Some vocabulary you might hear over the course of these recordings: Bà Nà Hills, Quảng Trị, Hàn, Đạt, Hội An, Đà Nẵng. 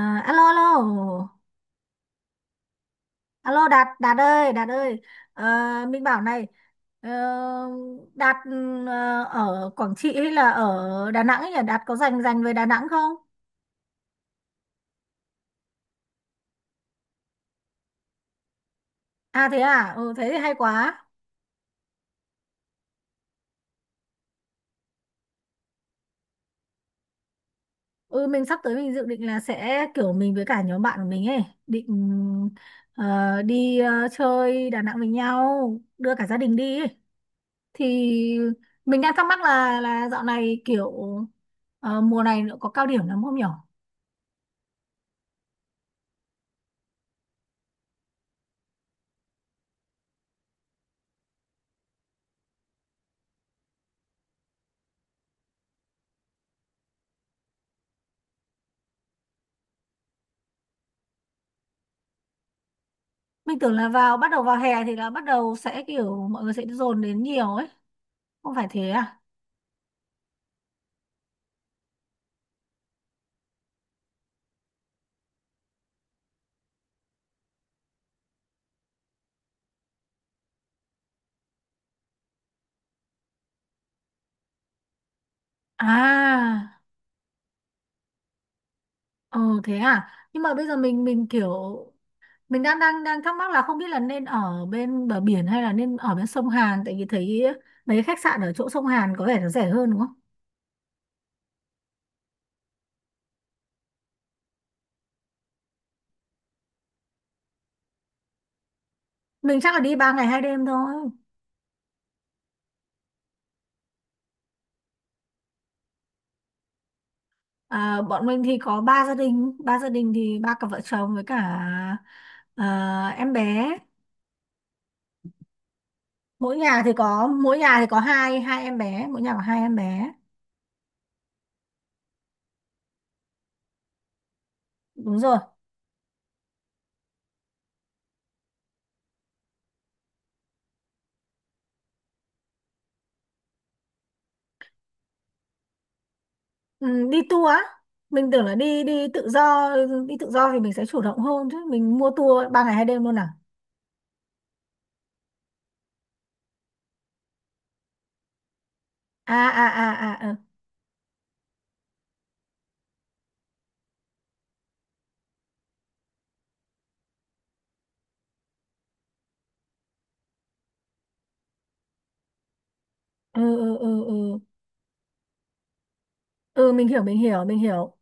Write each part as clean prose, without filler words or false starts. À, alo alo alo, Đạt Đạt ơi, Đạt ơi. Ờ, mình bảo này. ờ, Đạt, ở Quảng Trị hay là ở Đà Nẵng ấy nhỉ? Đạt có rành rành về Đà Nẵng không? Thế à, thế thì hay quá. Ừ mình sắp tới, mình dự định là sẽ kiểu mình với cả nhóm bạn của mình ấy định ờ, đi chơi Đà Nẵng với nhau, đưa cả gia đình đi ấy. Thì mình đang thắc mắc là dạo này kiểu mùa này nữa có cao điểm lắm không nhỉ? Mình tưởng là bắt đầu vào hè thì là bắt đầu sẽ kiểu mọi người sẽ dồn đến nhiều ấy, không phải thế à? à ờ Thế à, nhưng mà bây giờ mình kiểu mình đang đang đang thắc mắc là không biết là nên ở bên bờ biển hay là nên ở bên sông Hàn, tại vì thấy mấy khách sạn ở chỗ sông Hàn có vẻ nó rẻ hơn đúng không? Mình chắc là đi 3 ngày 2 đêm thôi. À, bọn mình thì có ba gia đình, thì ba cặp vợ chồng với cả ờ, em bé. Mỗi nhà thì có hai hai em bé, mỗi nhà có hai em bé. Đúng rồi. Ừ, đi tour á. Mình tưởng là đi đi tự do thì mình sẽ chủ động hơn chứ. Mình mua tour 3 ngày 2 đêm luôn à? À à à à, à. Ừ ừ ừ ừ. Ừ, mình hiểu, mình hiểu, mình hiểu.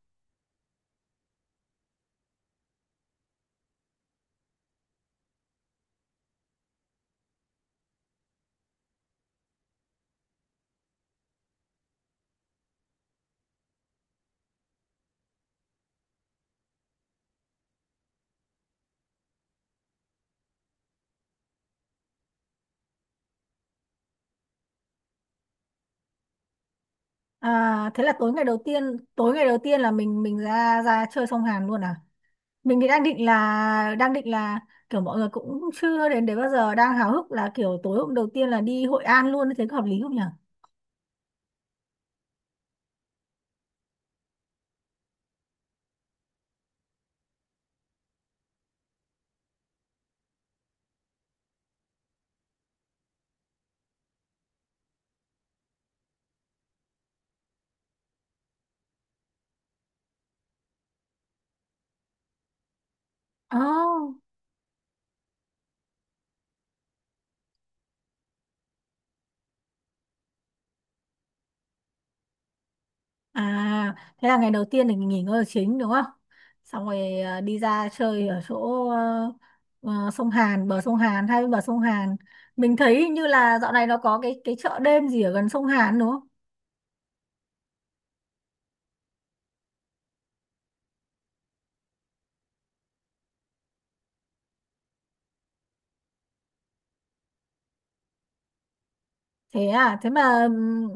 À, thế là tối ngày đầu tiên, tối ngày đầu tiên là mình ra ra chơi sông Hàn luôn à? Mình thì đang định là kiểu mọi người cũng chưa đến đấy bao giờ, đang háo hức là kiểu tối hôm đầu tiên là đi Hội An luôn, thế có hợp lý không nhỉ? Ồ. À, thế là ngày đầu tiên thì nghỉ ngơi chính đúng không? Xong rồi đi ra chơi ở chỗ sông Hàn, bờ sông Hàn, hai bên bờ sông Hàn. Mình thấy hình như là dạo này nó có cái chợ đêm gì ở gần sông Hàn đúng không? Thế à, thế mà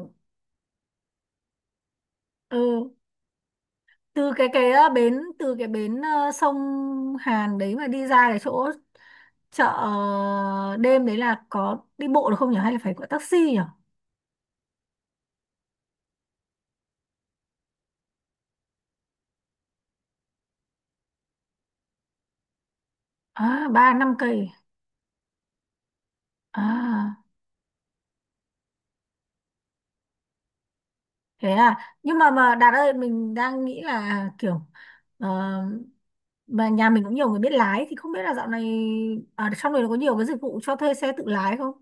ừ, từ cái bến, từ cái bến sông Hàn đấy mà đi ra cái chỗ chợ đêm đấy là có đi bộ được không nhỉ, hay là phải gọi taxi nhỉ? À, 3-5 cây. À. Thế à, nhưng mà Đạt ơi, mình đang nghĩ là kiểu ờ, mà nhà mình cũng nhiều người biết lái thì không biết là dạo này ở trong này nó có nhiều cái dịch vụ cho thuê xe tự lái không?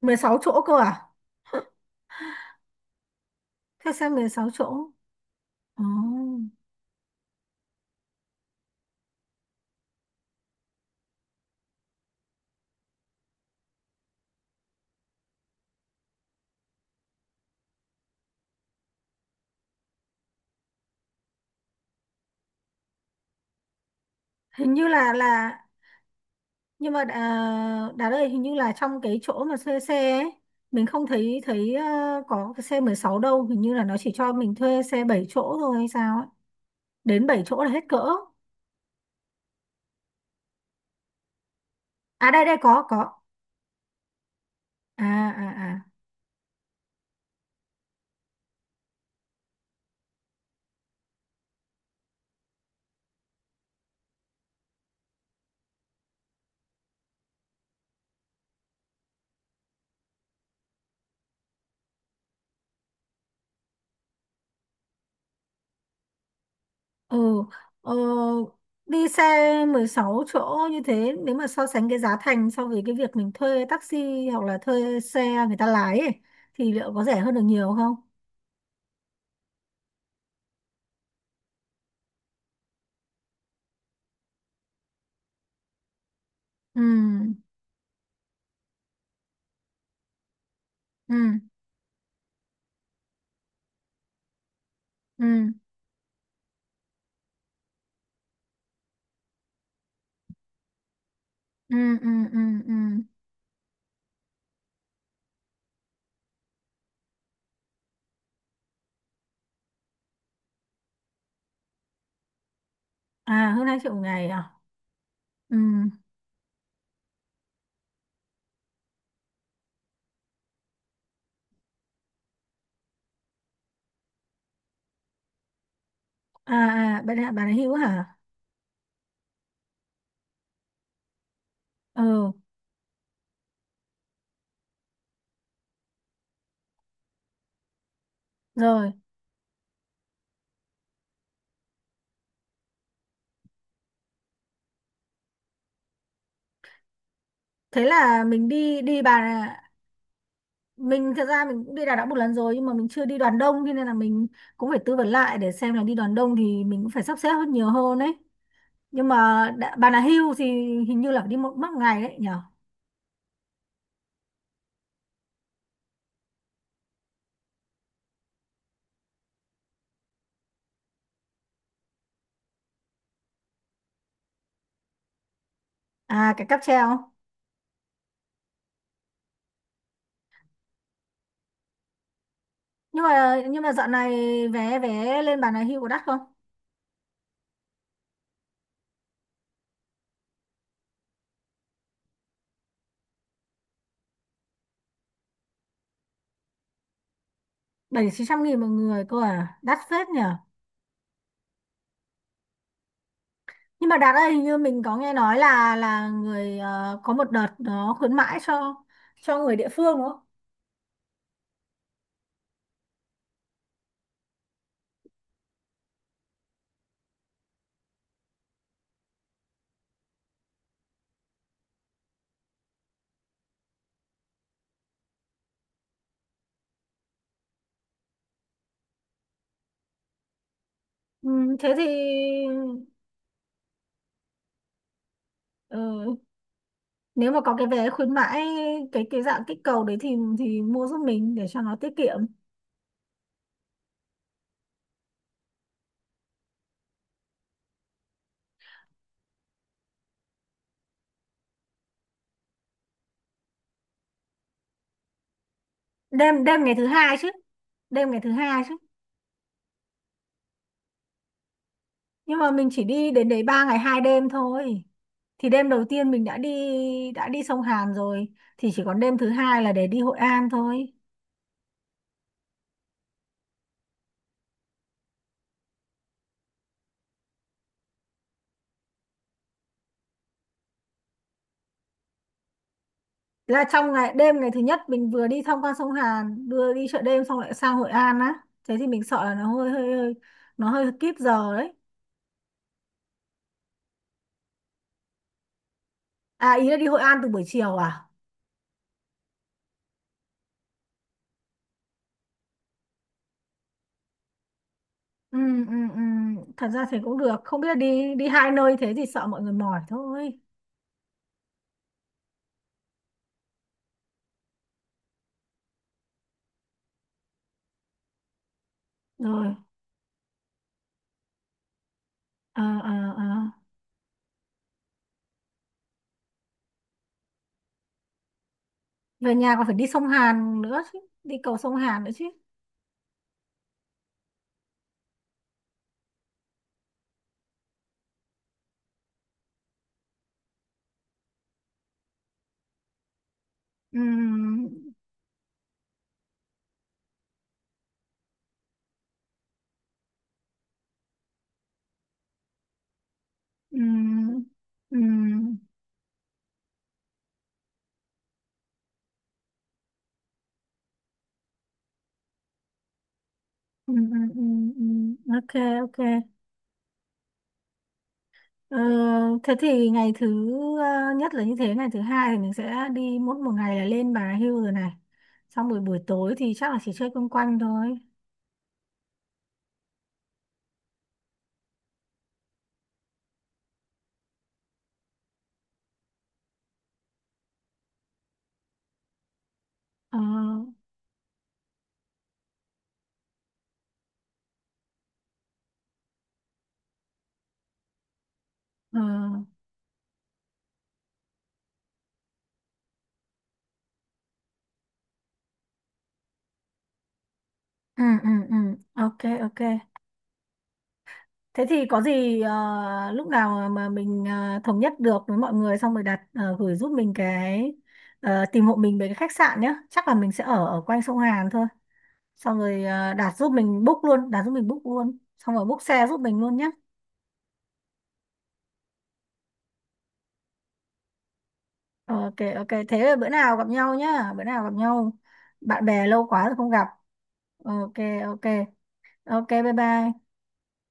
16 chỗ cơ à? Thuê xe 16 chỗ. Ồ. hình như là nhưng mà Đạt ơi, hình như là trong cái chỗ mà thuê xe ấy, mình không thấy thấy có cái xe 16 đâu, hình như là nó chỉ cho mình thuê xe 7 chỗ thôi hay sao ấy, đến 7 chỗ là hết cỡ. Đây đây có có. À, à. À Ừ, ờ, đi xe 16 chỗ như thế, nếu mà so sánh cái giá thành so với cái việc mình thuê taxi hoặc là thuê xe người ta lái ấy, thì liệu có rẻ hơn được nhiều không? Ừ, ừ, ừ, ừ, ừ, ừ, ừ. À, hơn 2 triệu một ngày à? Ừ. À, à, bạn ấy hữu hả? Ừ, rồi. Thế là mình đi đi Bà... Mình thật ra mình cũng đi Đà Nẵng một lần rồi, nhưng mà mình chưa đi đoàn đông thế nên là mình cũng phải tư vấn lại để xem là đi đoàn đông thì mình cũng phải sắp xếp hơn nhiều hơn đấy, nhưng mà đã, Bà Nà Hills thì hình như là phải đi một mất một ngày đấy nhở? Cái cáp treo. Nhưng mà dạo này vé vé lên Bà Nà Hills có đắt không? 700.000-900.000 một người cơ à, đắt phết nhở? Nhưng mà Đạt ơi, hình như mình có nghe nói là người có một đợt nó khuyến mãi cho người địa phương đúng không? Ừ, thế thì, ừ, nếu mà có cái vé khuyến mãi, cái dạng kích cầu đấy thì mua giúp mình để cho nó tiết kiệm. Đêm đêm ngày thứ hai chứ, đêm ngày thứ hai chứ. Nhưng mà mình chỉ đi đến đấy 3 ngày 2 đêm thôi, thì đêm đầu tiên mình đã đi sông Hàn rồi, thì chỉ còn đêm thứ hai là để đi Hội An thôi. Là trong ngày đêm ngày thứ nhất mình vừa đi tham quan sông Hàn vừa đi chợ đêm xong lại sang Hội An á, thế thì mình sợ là nó hơi hơi hơi nó hơi kíp giờ đấy. À, ý là đi Hội An từ buổi chiều à? Ừ, ừ, ừ. Thật ra thì cũng được, không biết là đi đi hai nơi thế thì sợ mọi người mỏi thôi. Rồi. Ờ, ờ, ờ. Về nhà còn phải đi sông Hàn nữa chứ, đi cầu sông Hàn nữa chứ. Ừ, ừ, ừ, ừ, ừ, ừ, ừ. Ok. Ok. Ờ, thế thì ngày thứ nhất là như thế, ngày thứ hai thì mình sẽ đi mỗi một ngày là lên Bà Hill rồi này, xong buổi buổi tối thì chắc là chỉ chơi quanh quanh thôi. Ờ, ờ. Ừ, ừ, ừ. Ok, ok. Thế thì có gì lúc nào mà mình thống nhất được với mọi người xong rồi đặt gửi giúp mình cái tìm hộ mình về cái khách sạn nhé. Chắc là mình sẽ ở ở quanh sông Hàn thôi. Xong rồi đặt giúp mình book luôn, đặt giúp mình book luôn. Xong rồi book xe giúp mình luôn nhé. Ok ok, thế là bữa nào gặp nhau nhá, bữa nào gặp nhau. Bạn bè lâu quá rồi không gặp. Ok ok. Ok bye bye.